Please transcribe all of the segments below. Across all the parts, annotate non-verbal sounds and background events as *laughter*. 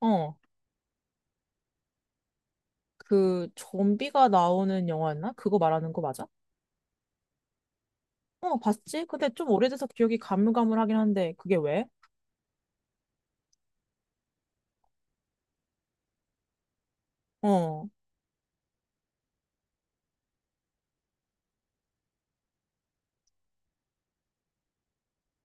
어, 그 좀비가 나오는 영화였나? 그거 말하는 거 맞아? 어, 봤지? 근데 좀 오래돼서 기억이 가물가물하긴 한데 그게 왜? 어,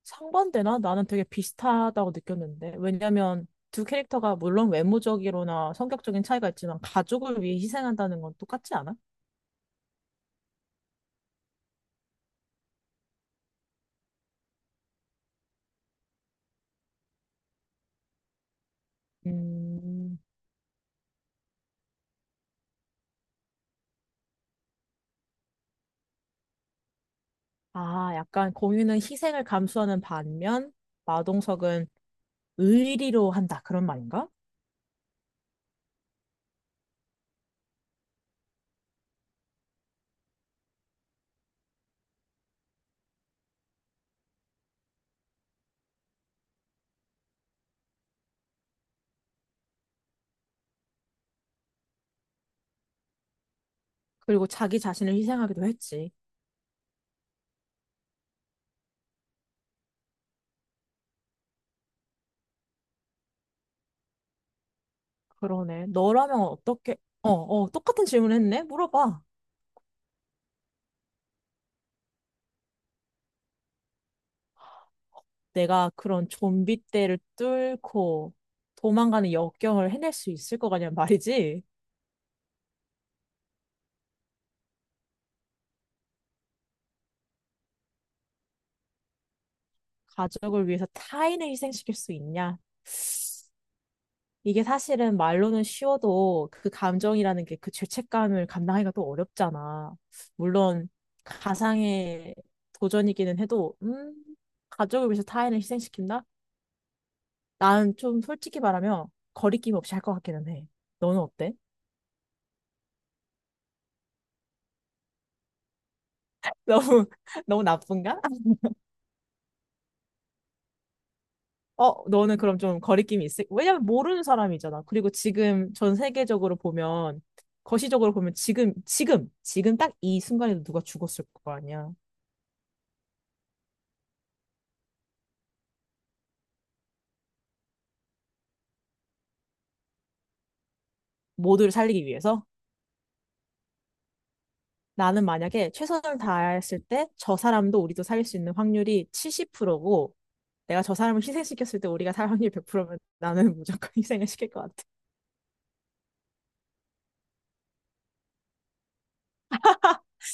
상반되나? 나는 되게 비슷하다고 느꼈는데 왜냐면 두 캐릭터가 물론 외모적으로나 성격적인 차이가 있지만 가족을 위해 희생한다는 건 똑같지 않아? 음. 아, 약간 공유는 희생을 감수하는 반면 마동석은 의리로 한다 그런 말인가? 그리고 자기 자신을 희생하기도 했지. 그러네. 너라면 어떻게, 어, 어, 똑같은 질문 했네? 물어봐. 내가 그런 좀비 떼를 뚫고 도망가는 역경을 해낼 수 있을 것 같냐 말이지. 가족을 위해서 타인을 희생시킬 수 있냐? 이게 사실은 말로는 쉬워도 그 감정이라는 게 그 죄책감을 감당하기가 또 어렵잖아. 물론 가상의 도전이기는 해도, 가족을 위해서 타인을 희생시킨다? 나는 좀 솔직히 말하면 거리낌 없이 할 것 같기는 해. 너는 어때? 너무 *laughs* 너무 나쁜가? 어, 너는 그럼 좀 거리낌이 있을? 왜냐면 모르는 사람이잖아. 그리고 지금 전 세계적으로 보면 거시적으로 보면 지금 딱 이 순간에도 누가 죽었을 거 아니야. 모두를 살리기 위해서. 나는 만약에 최선을 다했을 때 저 사람도 우리도 살릴 수 있는 확률이 70%고 내가 저 사람을 희생시켰을 때 우리가 살 확률이 100%면 나는 *laughs* 무조건 희생을 시킬 것 같아.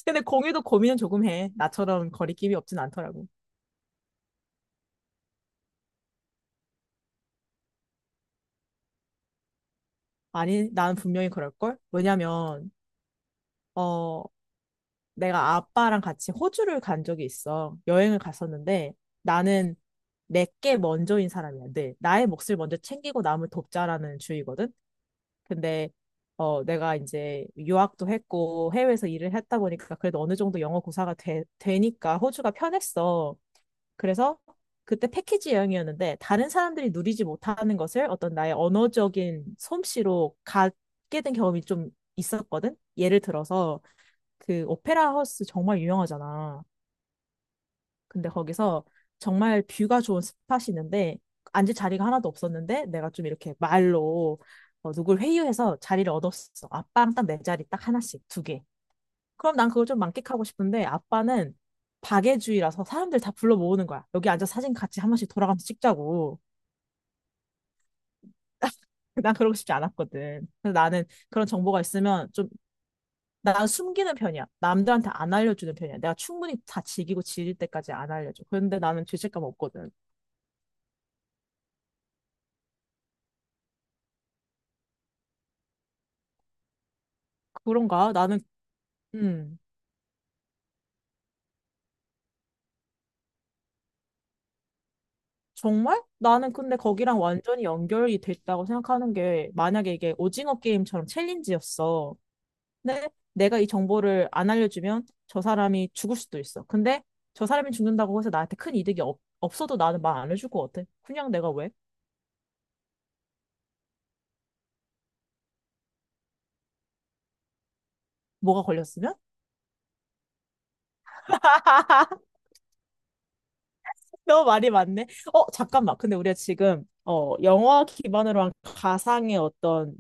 근데 공유도 고민은 조금 해. 나처럼 거리낌이 없진 않더라고. 아니, 난 분명히 그럴걸? 왜냐면 어, 내가 아빠랑 같이 호주를 간 적이 있어. 여행을 갔었는데 나는 내게 먼저인 사람이야. 늘 나의 몫을 먼저 챙기고 남을 돕자라는 주의거든. 근데 어, 내가 이제 유학도 했고 해외에서 일을 했다 보니까 그래도 어느 정도 영어 고사가 되니까 호주가 편했어. 그래서 그때 패키지 여행이었는데 다른 사람들이 누리지 못하는 것을 어떤 나의 언어적인 솜씨로 갖게 된 경험이 좀 있었거든. 예를 들어서 그 오페라 하우스 정말 유명하잖아. 근데 거기서 정말 뷰가 좋은 스팟이 있는데 앉을 자리가 하나도 없었는데 내가 좀 이렇게 말로 어, 누굴 회유해서 자리를 얻었어. 아빠랑 딱 내 자리 딱 하나씩 두 개. 그럼 난 그걸 좀 만끽하고 싶은데 아빠는 박애주의라서 사람들 다 불러 모으는 거야. 여기 앉아서 사진 같이 한 번씩 돌아가면서 찍자고. *laughs* 난 그러고 싶지 않았거든. 그래서 나는 그런 정보가 있으면 좀 난 숨기는 편이야. 남들한테 안 알려주는 편이야. 내가 충분히 다 즐기고 지릴 때까지 안 알려줘. 그런데 나는 죄책감 없거든. 그런가? 음, 정말? 나는 근데 거기랑 완전히 연결이 됐다고 생각하는 게, 만약에 이게 오징어 게임처럼 챌린지였어. 근데 내가 이 정보를 안 알려주면 저 사람이 죽을 수도 있어. 근데 저 사람이 죽는다고 해서 나한테 큰 이득이 없어도 나는 말 안 해줄 것 같아. 그냥 내가 왜? 뭐가 걸렸으면? *laughs* 너무 말이 많네. 어, 잠깐만. 근데 우리가 지금 어, 영화 기반으로 한 가상의 어떤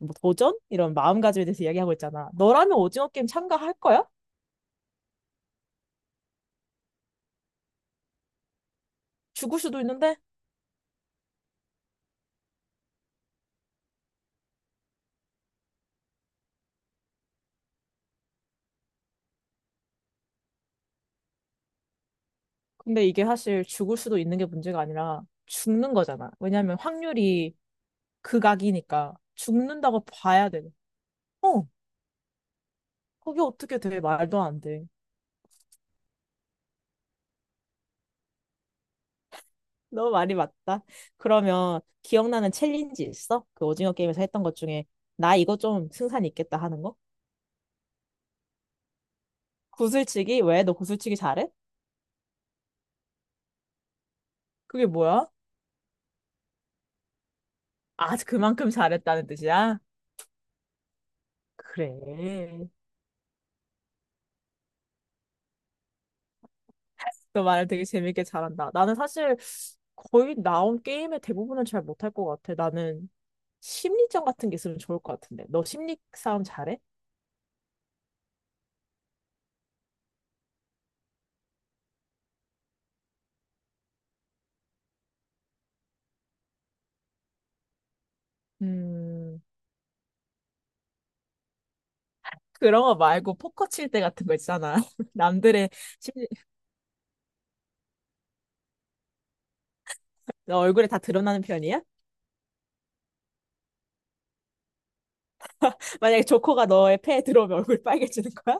뭐 도전? 이런 마음가짐에 대해서 이야기하고 있잖아. 너라면 오징어 게임 참가할 거야? 죽을 수도 있는데? 근데 이게 사실 죽을 수도 있는 게 문제가 아니라 죽는 거잖아. 왜냐하면 확률이 극악이니까 죽는다고 봐야 돼. 어, 그게 어떻게 돼? 말도 안 돼. 너무 말이 맞다. 그러면 기억나는 챌린지 있어? 그 오징어 게임에서 했던 것 중에 나 이거 좀 승산이 있겠다 하는 거? 구슬치기? 왜? 너 구슬치기 잘해? 그게 뭐야? 아, 그만큼 잘했다는 뜻이야? 그래. *laughs* 너 말을 되게 재밌게 잘한다. 나는 사실 거의 나온 게임의 대부분은 잘 못할 것 같아. 나는 심리전 같은 게 있으면 좋을 것 같은데. 너 심리 싸움 잘해? 음, 그런 거 말고 포커 칠 때 같은 거 있잖아. *laughs* 남들의 심리, 너 얼굴에 다 드러나는 편이야? *laughs* 만약에 조커가 너의 패에 들어오면 얼굴 빨개지는 거야?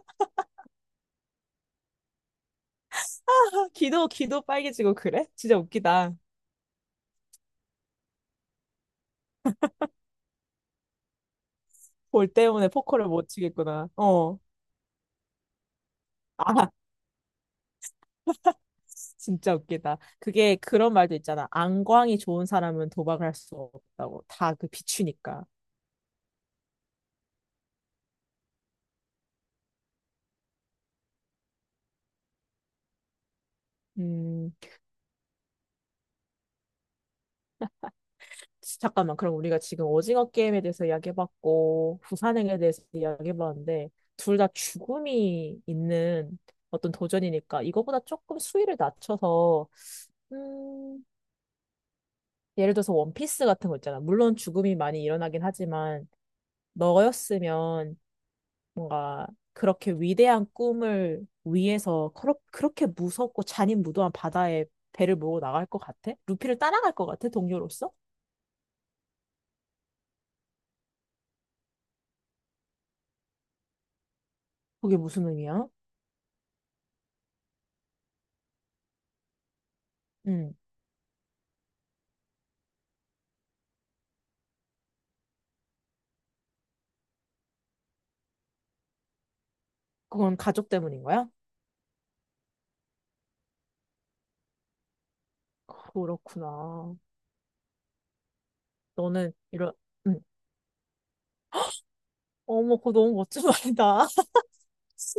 *laughs* 귀도 빨개지고 그래? 진짜 웃기다. 볼 때문에 포커를 못 치겠구나. 어. 아, *laughs* 진짜 웃기다. 그게 그런 말도 있잖아. 안광이 좋은 사람은 도박을 할 수 없다고. 다 그 비추니까. 음, 잠깐만. 그럼 우리가 지금 오징어 게임에 대해서 이야기해봤고, 부산행에 대해서 이야기해봤는데, 둘 다 죽음이 있는 어떤 도전이니까, 이거보다 조금 수위를 낮춰서, 음, 예를 들어서 원피스 같은 거 있잖아. 물론 죽음이 많이 일어나긴 하지만, 너였으면 뭔가 그렇게 위대한 꿈을 위해서 그렇게 무섭고 잔인무도한 바다에 배를 몰고 나갈 것 같아? 루피를 따라갈 것 같아? 동료로서? 그게 무슨 의미야? 음, 그건 가족 때문인 거야? 그렇구나. 너는 이런, 음, 어머, 그거 너무 멋진 말이다. *laughs*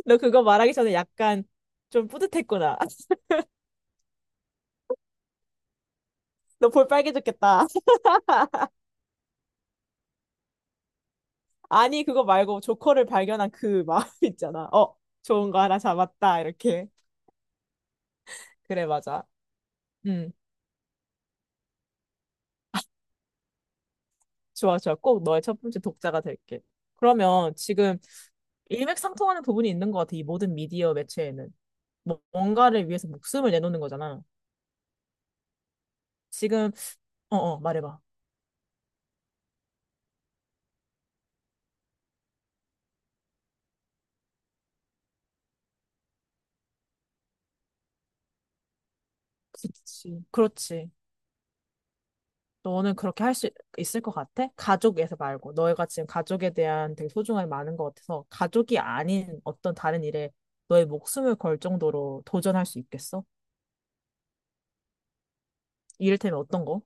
너 그거 말하기 전에 약간 좀 뿌듯했구나. *laughs* 너 볼 빨개졌겠다. *laughs* 아니, 그거 말고 조커를 발견한 그 마음 있잖아. 어, 좋은 거 하나 잡았다. 이렇게. 그래, 맞아. 음. 좋아, 좋아. 꼭 너의 첫 번째 독자가 될게. 그러면 지금 일맥상통하는 부분이 있는 것 같아. 이 모든 미디어 매체에는. 뭔가를 위해서 목숨을 내놓는 거잖아. 지금, 어, 어, 말해봐. 그렇지. 그렇지. 너는 그렇게 할 수 있을 것 같아? 가족에서 말고. 너희가 지금 가족에 대한 되게 소중함이 많은 것 같아서 가족이 아닌 어떤 다른 일에 너의 목숨을 걸 정도로 도전할 수 있겠어? 이를테면 어떤 거?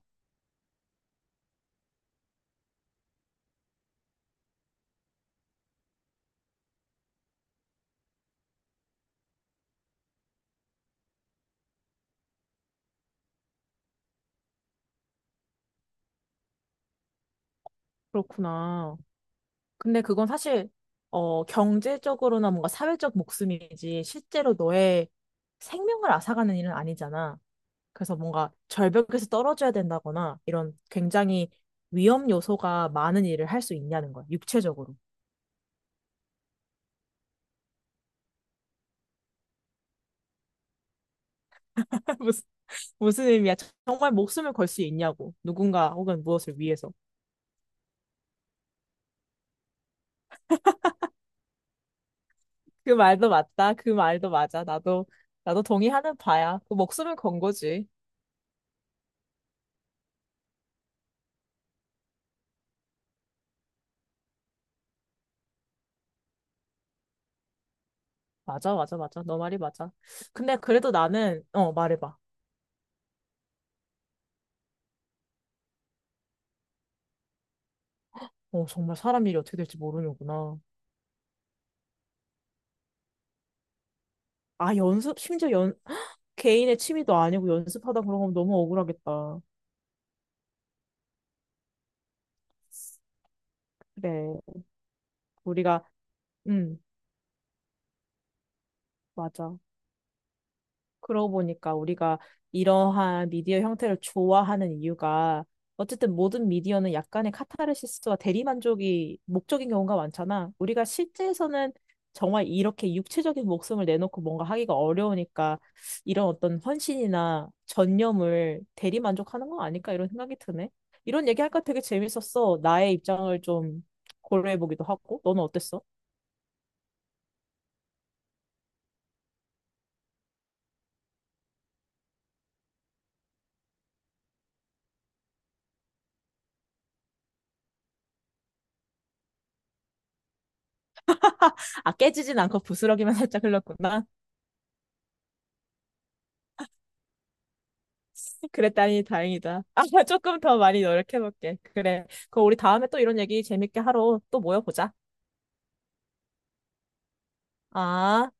그렇구나. 근데 그건 사실 어 경제적으로나 뭔가 사회적 목숨이지 실제로 너의 생명을 앗아가는 일은 아니잖아. 그래서 뭔가 절벽에서 떨어져야 된다거나 이런 굉장히 위험 요소가 많은 일을 할 수 있냐는 거야. 육체적으로. *laughs* 무슨 무슨 의미야? 정말 목숨을 걸 수 있냐고. 누군가 혹은 무엇을 위해서. 그 말도 맞다. 그 말도 맞아. 나도 동의하는 바야. 그 목숨을 건 거지. 맞아, 맞아, 맞아. 너 말이 맞아. 근데 그래도 나는 어 말해봐. 어, 정말 사람 일이 어떻게 될지 모르는구나. 아, 연습, 심지어 연, *gasps* 개인의 취미도 아니고 연습하다 그런 거면 너무 억울하겠다. 그래. 우리가, 음, 맞아. 그러고 보니까 우리가 이러한 미디어 형태를 좋아하는 이유가 어쨌든 모든 미디어는 약간의 카타르시스와 대리만족이 목적인 경우가 많잖아. 우리가 실제에서는 정말 이렇게 육체적인 목숨을 내놓고 뭔가 하기가 어려우니까 이런 어떤 헌신이나 전념을 대리만족하는 거 아닐까 이런 생각이 드네. 이런 얘기할까 되게 재밌었어. 나의 입장을 좀 고려해보기도 하고. 너는 어땠어? 아, 깨지진 않고 부스러기만 *laughs* 살짝 흘렀구나. 그랬다니 다행이다. 아, *laughs* 조금 더 많이 노력해볼게. 그래. 그럼 우리 다음에 또 이런 얘기 재밌게 하러 또 모여보자. 아.